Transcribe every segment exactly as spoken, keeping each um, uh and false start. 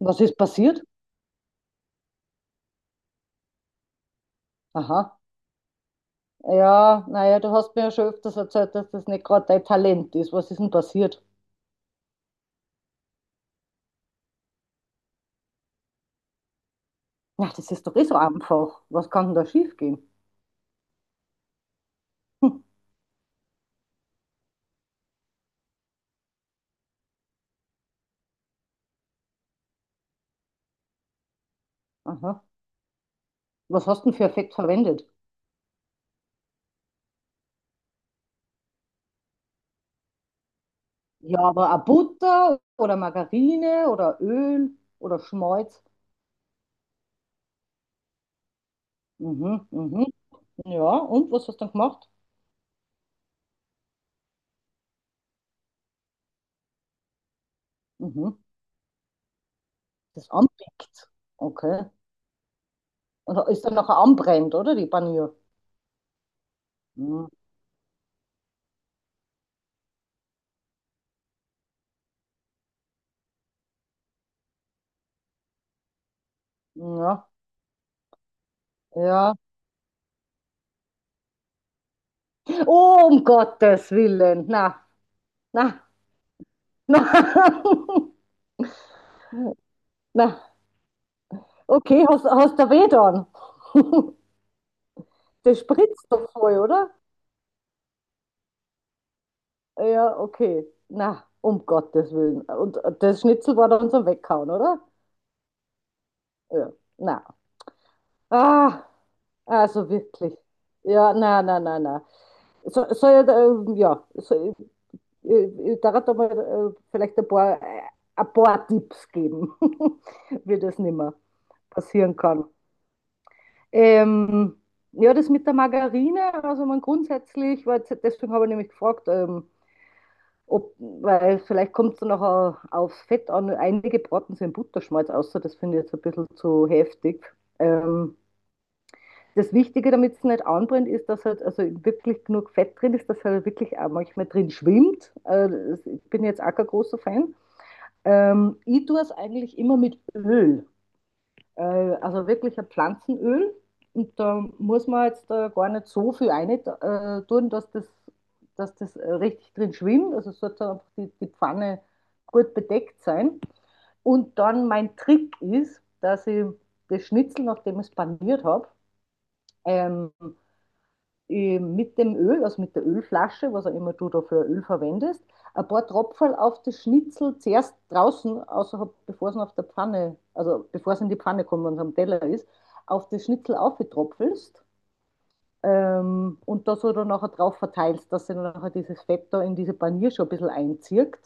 Was ist passiert? Aha. Ja, naja, du hast mir ja schon öfters erzählt, dass das nicht gerade dein Talent ist. Was ist denn passiert? Na, das ist doch eh so einfach. Was kann denn da schiefgehen? Hm. Aha. Was hast du denn für Effekt verwendet? Ja, aber eine Butter oder Margarine oder Öl oder Schmalz. Mhm, mhm. Ja, und was hast du dann gemacht? Mhm. Das anpickt. Okay. Und da ist dann nachher anbrennt, oder? Die Panier. Mhm. Ja, ja. Oh, um Gottes Willen. Na, na. Na, na, okay, hast, hast du weh dann? Das spritzt doch voll, oder? Ja, okay. Na, um Gottes Willen. Und das Schnitzel war dann zum Weghauen, oder? Ja, na. Ah, also wirklich. Ja, na, na, na, na. So, soll ich, ähm, ja, so, ich, ich, ich darf da mal äh, vielleicht ein paar, äh, ein paar Tipps geben, wie das nicht mehr passieren kann. Ähm, ja, das mit der Margarine, also man grundsätzlich, weil jetzt- deswegen habe ich nämlich gefragt, ähm, ob, weil vielleicht kommt es dann nachher aufs Fett an. Einige braten sie in Butterschmalz, außer das finde ich jetzt ein bisschen zu heftig. Ähm, Das Wichtige, damit es nicht anbrennt, ist, dass halt also wirklich genug Fett drin ist, dass halt wirklich auch manchmal drin schwimmt. Äh, das- ich bin jetzt auch kein großer Fan. Ähm, ich tue es eigentlich immer mit Öl. Äh, also wirklich ein Pflanzenöl. Und da muss man jetzt äh, gar nicht so viel rein äh, tun, dass das, dass das äh, richtig drin schwimmt. Also sollte einfach die, die Pfanne gut bedeckt sein. Und dann mein Trick ist, dass ich das Schnitzel, nachdem ich es paniert habe, ähm, äh, mit dem Öl, also mit der Ölflasche, was auch immer du da für Öl verwendest, ein paar Tropferl auf das Schnitzel zuerst draußen, außerhalb, bevor es auf der Pfanne, also bevor es in die Pfanne kommt, wenn es am Teller ist, auf das Schnitzel aufgetropfelst ähm, und da so dann nachher drauf verteilst, dass sich dann nachher dieses Fett da in diese Panier schon ein bisschen einzieht.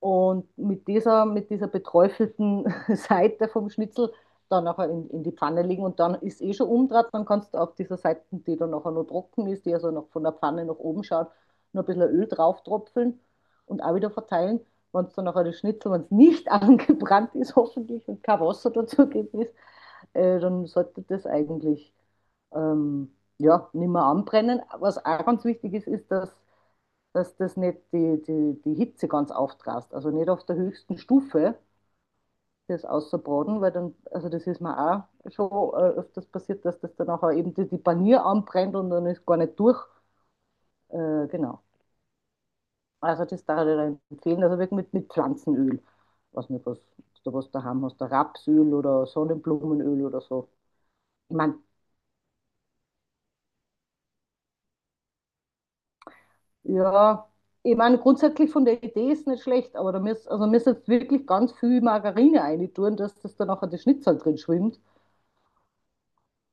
Und mit dieser, mit dieser beträufelten Seite vom Schnitzel dann nachher in, in die Pfanne legen und dann ist eh schon umdraht, dann kannst du auf dieser Seite, die dann nachher noch trocken ist, die also noch von der Pfanne nach oben schaut, noch ein bisschen Öl drauf tropfeln und auch wieder verteilen. Wenn es dann nachher das Schnitzel, wenn es nicht angebrannt ist, hoffentlich und kein Wasser dazugegeben ist, äh, dann sollte das eigentlich ähm, ja, nicht mehr anbrennen. Was auch ganz wichtig ist, ist, dass dass das nicht die, die, die Hitze ganz auftrast. Also nicht auf der höchsten Stufe das auszubraten, weil dann, also das ist mir auch schon äh, öfters passiert, dass das dann auch eben die, die Panier anbrennt und dann ist gar nicht durch. Äh, genau. Also das darf ich dir empfehlen. Also wirklich mit, mit Pflanzenöl. Was nicht, was du was daheim hast, der Rapsöl oder Sonnenblumenöl oder so. Ich meine, ja, ich meine, grundsätzlich von der Idee ist nicht schlecht, aber da müsst, also müsst jetzt wirklich ganz viel Margarine reintun, dass das dann nachher das Schnitzel drin schwimmt.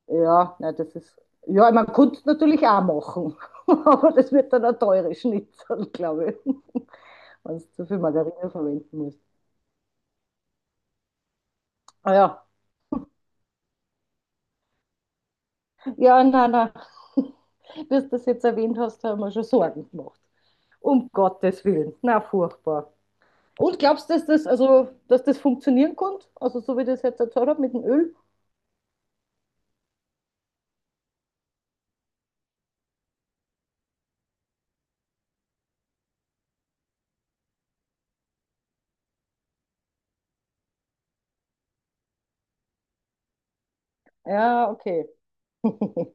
Ja, na, das ist. Ja, man könnte es natürlich auch machen, aber das wird dann ein teures Schnitzel, glaube ich, wenn es zu viel Margarine verwenden muss. Ah ja, ja, nein, nein. Bis du das jetzt erwähnt hast, haben wir schon Sorgen gemacht. Um Gottes Willen. Na, furchtbar. Und glaubst du, dass das, also, dass das funktionieren kann? Also, so wie ich das jetzt erzählt habe mit dem Öl? Ja, okay.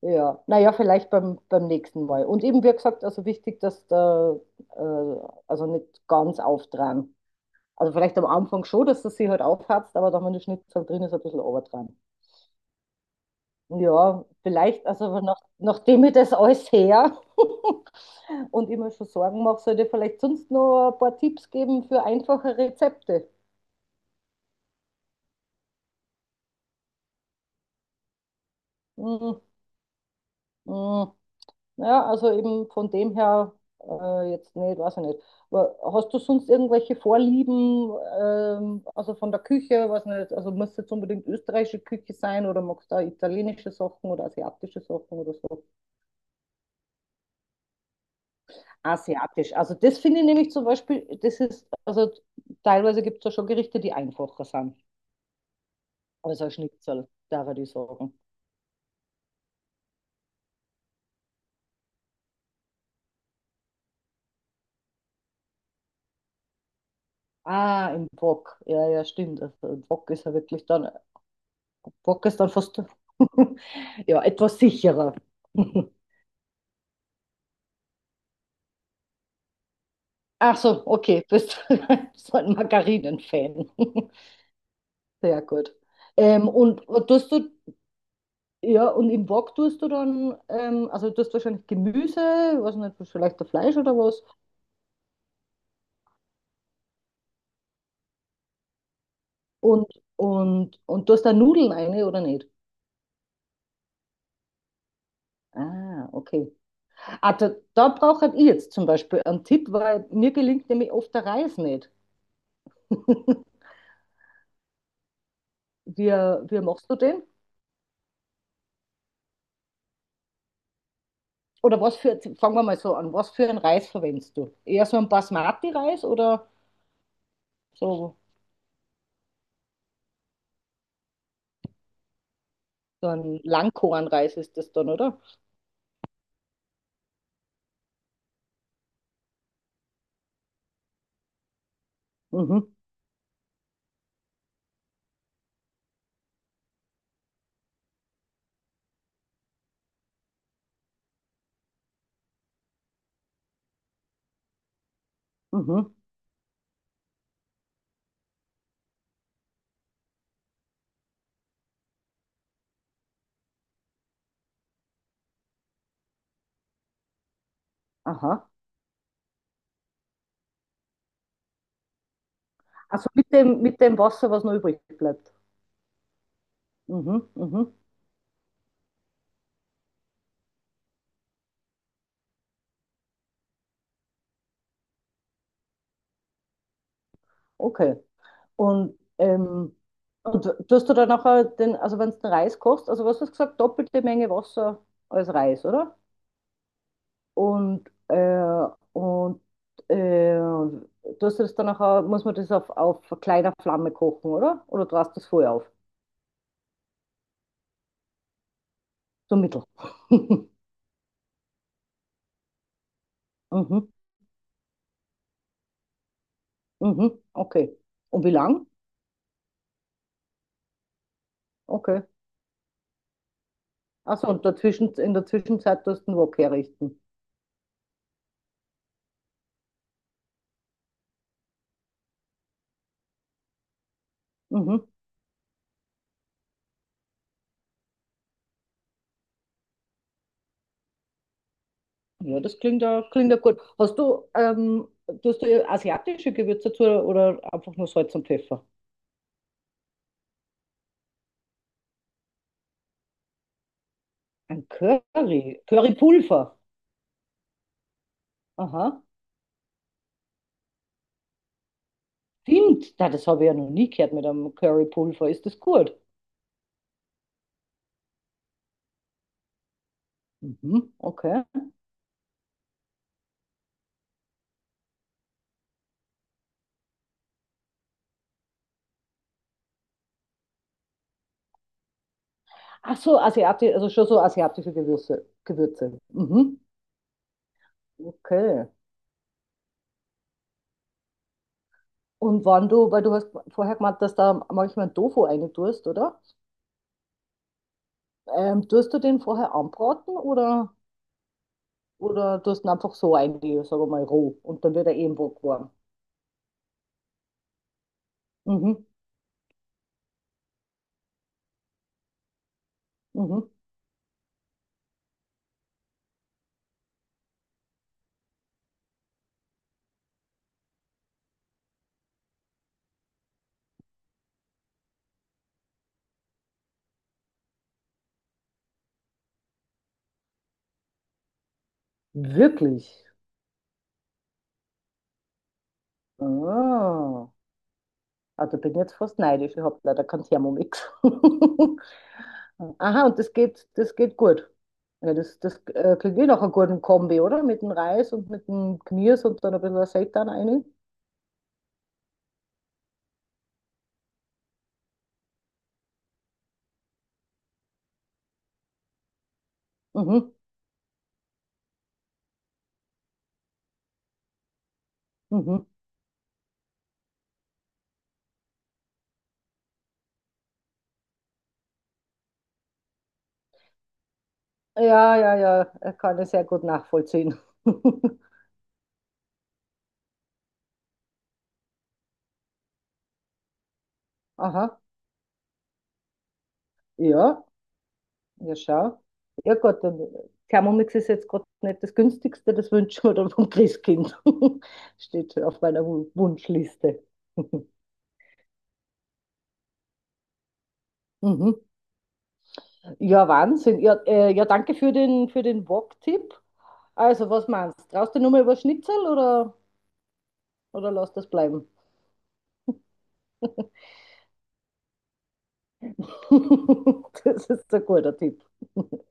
Ja, naja, vielleicht beim, beim nächsten Mal. Und eben, wie gesagt, also wichtig, dass da, äh, also nicht ganz auftragen. Also vielleicht am Anfang schon, dass das sich halt aufhatzt, aber dann, wenn der Schnitzel drin ist, ein bisschen runtertragen. Ja, vielleicht, also nach, nachdem ich das alles her und immer schon Sorgen mache, sollte ich vielleicht sonst noch ein paar Tipps geben für einfache Rezepte. Mm, mm. Ja, also eben von dem her äh, jetzt nicht, weiß ich nicht. Aber hast du sonst irgendwelche Vorlieben, ähm, also von der Küche, weiß nicht, also muss jetzt unbedingt österreichische Küche sein oder magst du auch italienische Sachen oder asiatische Sachen oder so? Asiatisch. Also das finde ich nämlich zum Beispiel, das ist, also teilweise gibt es ja schon Gerichte, die einfacher sind. Also ein Schnitzel, da würde ich sagen. Ah, im Wok. Ja, ja, stimmt. Also im Wok ist ja wirklich dann, Pakistan fast ja, etwas sicherer. Ach so, okay, du bist so ein Margarinen-Fan. Sehr gut. Ähm, und was tust du, ja, und im Wok tust du dann, ähm, also du tust wahrscheinlich Gemüse, weiß nicht, vielleicht ein Fleisch oder was, und, und, und tust da Nudeln rein oder nicht? Ah, okay. Ah, da, da brauche ich jetzt zum Beispiel einen Tipp, weil mir gelingt nämlich oft der Reis nicht. Wie, wie machst du den? Oder was für, fangen wir mal so an, was für einen Reis verwendest du? Eher so einen Basmati-Reis oder so, so ein Langkornreis ist das dann, oder? Mhm, mhm, aha. Also mit dem, mit dem Wasser, was noch übrig bleibt. Mhm, mhm, okay. Und, ähm, und tust du dann nachher den, also wenn du den Reis kochst, also was hast du gesagt, doppelte Menge Wasser als Reis, oder? Und, äh, und äh, tust du das dann nachher, muss man das auf, auf kleiner Flamme kochen, oder? Oder du hast das vorher auf? So mittel. Mhm, mhm, okay. Und wie lang? Okay. Achso, und dazwischen, in der Zwischenzeit tust du den Wok herrichten. Mhm. Ja, das klingt ja, klingt ja gut. Hast du, ähm, tust du asiatische Gewürze dazu oder einfach nur Salz und Pfeffer? Ein Curry. Currypulver. Aha. Stimmt, na, das habe ich ja noch nie gehört mit einem Currypulver. Ist das gut? Mhm, okay. Ach so, Asiati, also schon so asiatische Gewürze. Gewürze. Mhm, okay. Und wann du, weil du hast vorher gemeint, dass da manchmal Tofu reintust, oder? Ähm, tust du den vorher anbraten oder, oder tust du ihn einfach so rein, sagen wir mal roh, und dann wird er eben warm. Mhm, mhm. Wirklich? Ah, also bin jetzt fast neidisch, ich habe leider keinen Thermomix. Aha, und das geht, das geht gut. Ja, das, das äh, klingt wie nach einer guten Kombi, oder? Mit dem Reis und mit dem Knirsch und dann ein bisschen Seitan rein. Mhm, mhm. Ja, ja, ja, äh, kann ich sehr gut nachvollziehen. Aha, ja, ja, schau. Ja, Gott, dann Thermomix ist jetzt gerade nicht das günstigste, das wünschen wir dann vom Christkind. Steht auf meiner Wun- Wunschliste. Mhm. Ja, Wahnsinn. Ja, äh, ja danke für den, für den Wok-Tipp. Also, was meinst du? Traust du nur mal über Schnitzel oder, oder lass das bleiben? Das ist ein guter Tipp.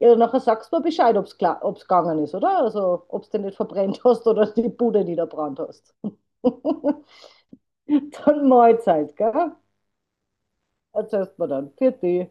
Ja, nachher sagst du mir Bescheid, ob es klar, ob's gegangen ist, oder? Also, ob du den nicht verbrennt hast oder die Bude niederbrannt hast. Dann Mahlzeit, gell? Erzählst mir dann. Für dich.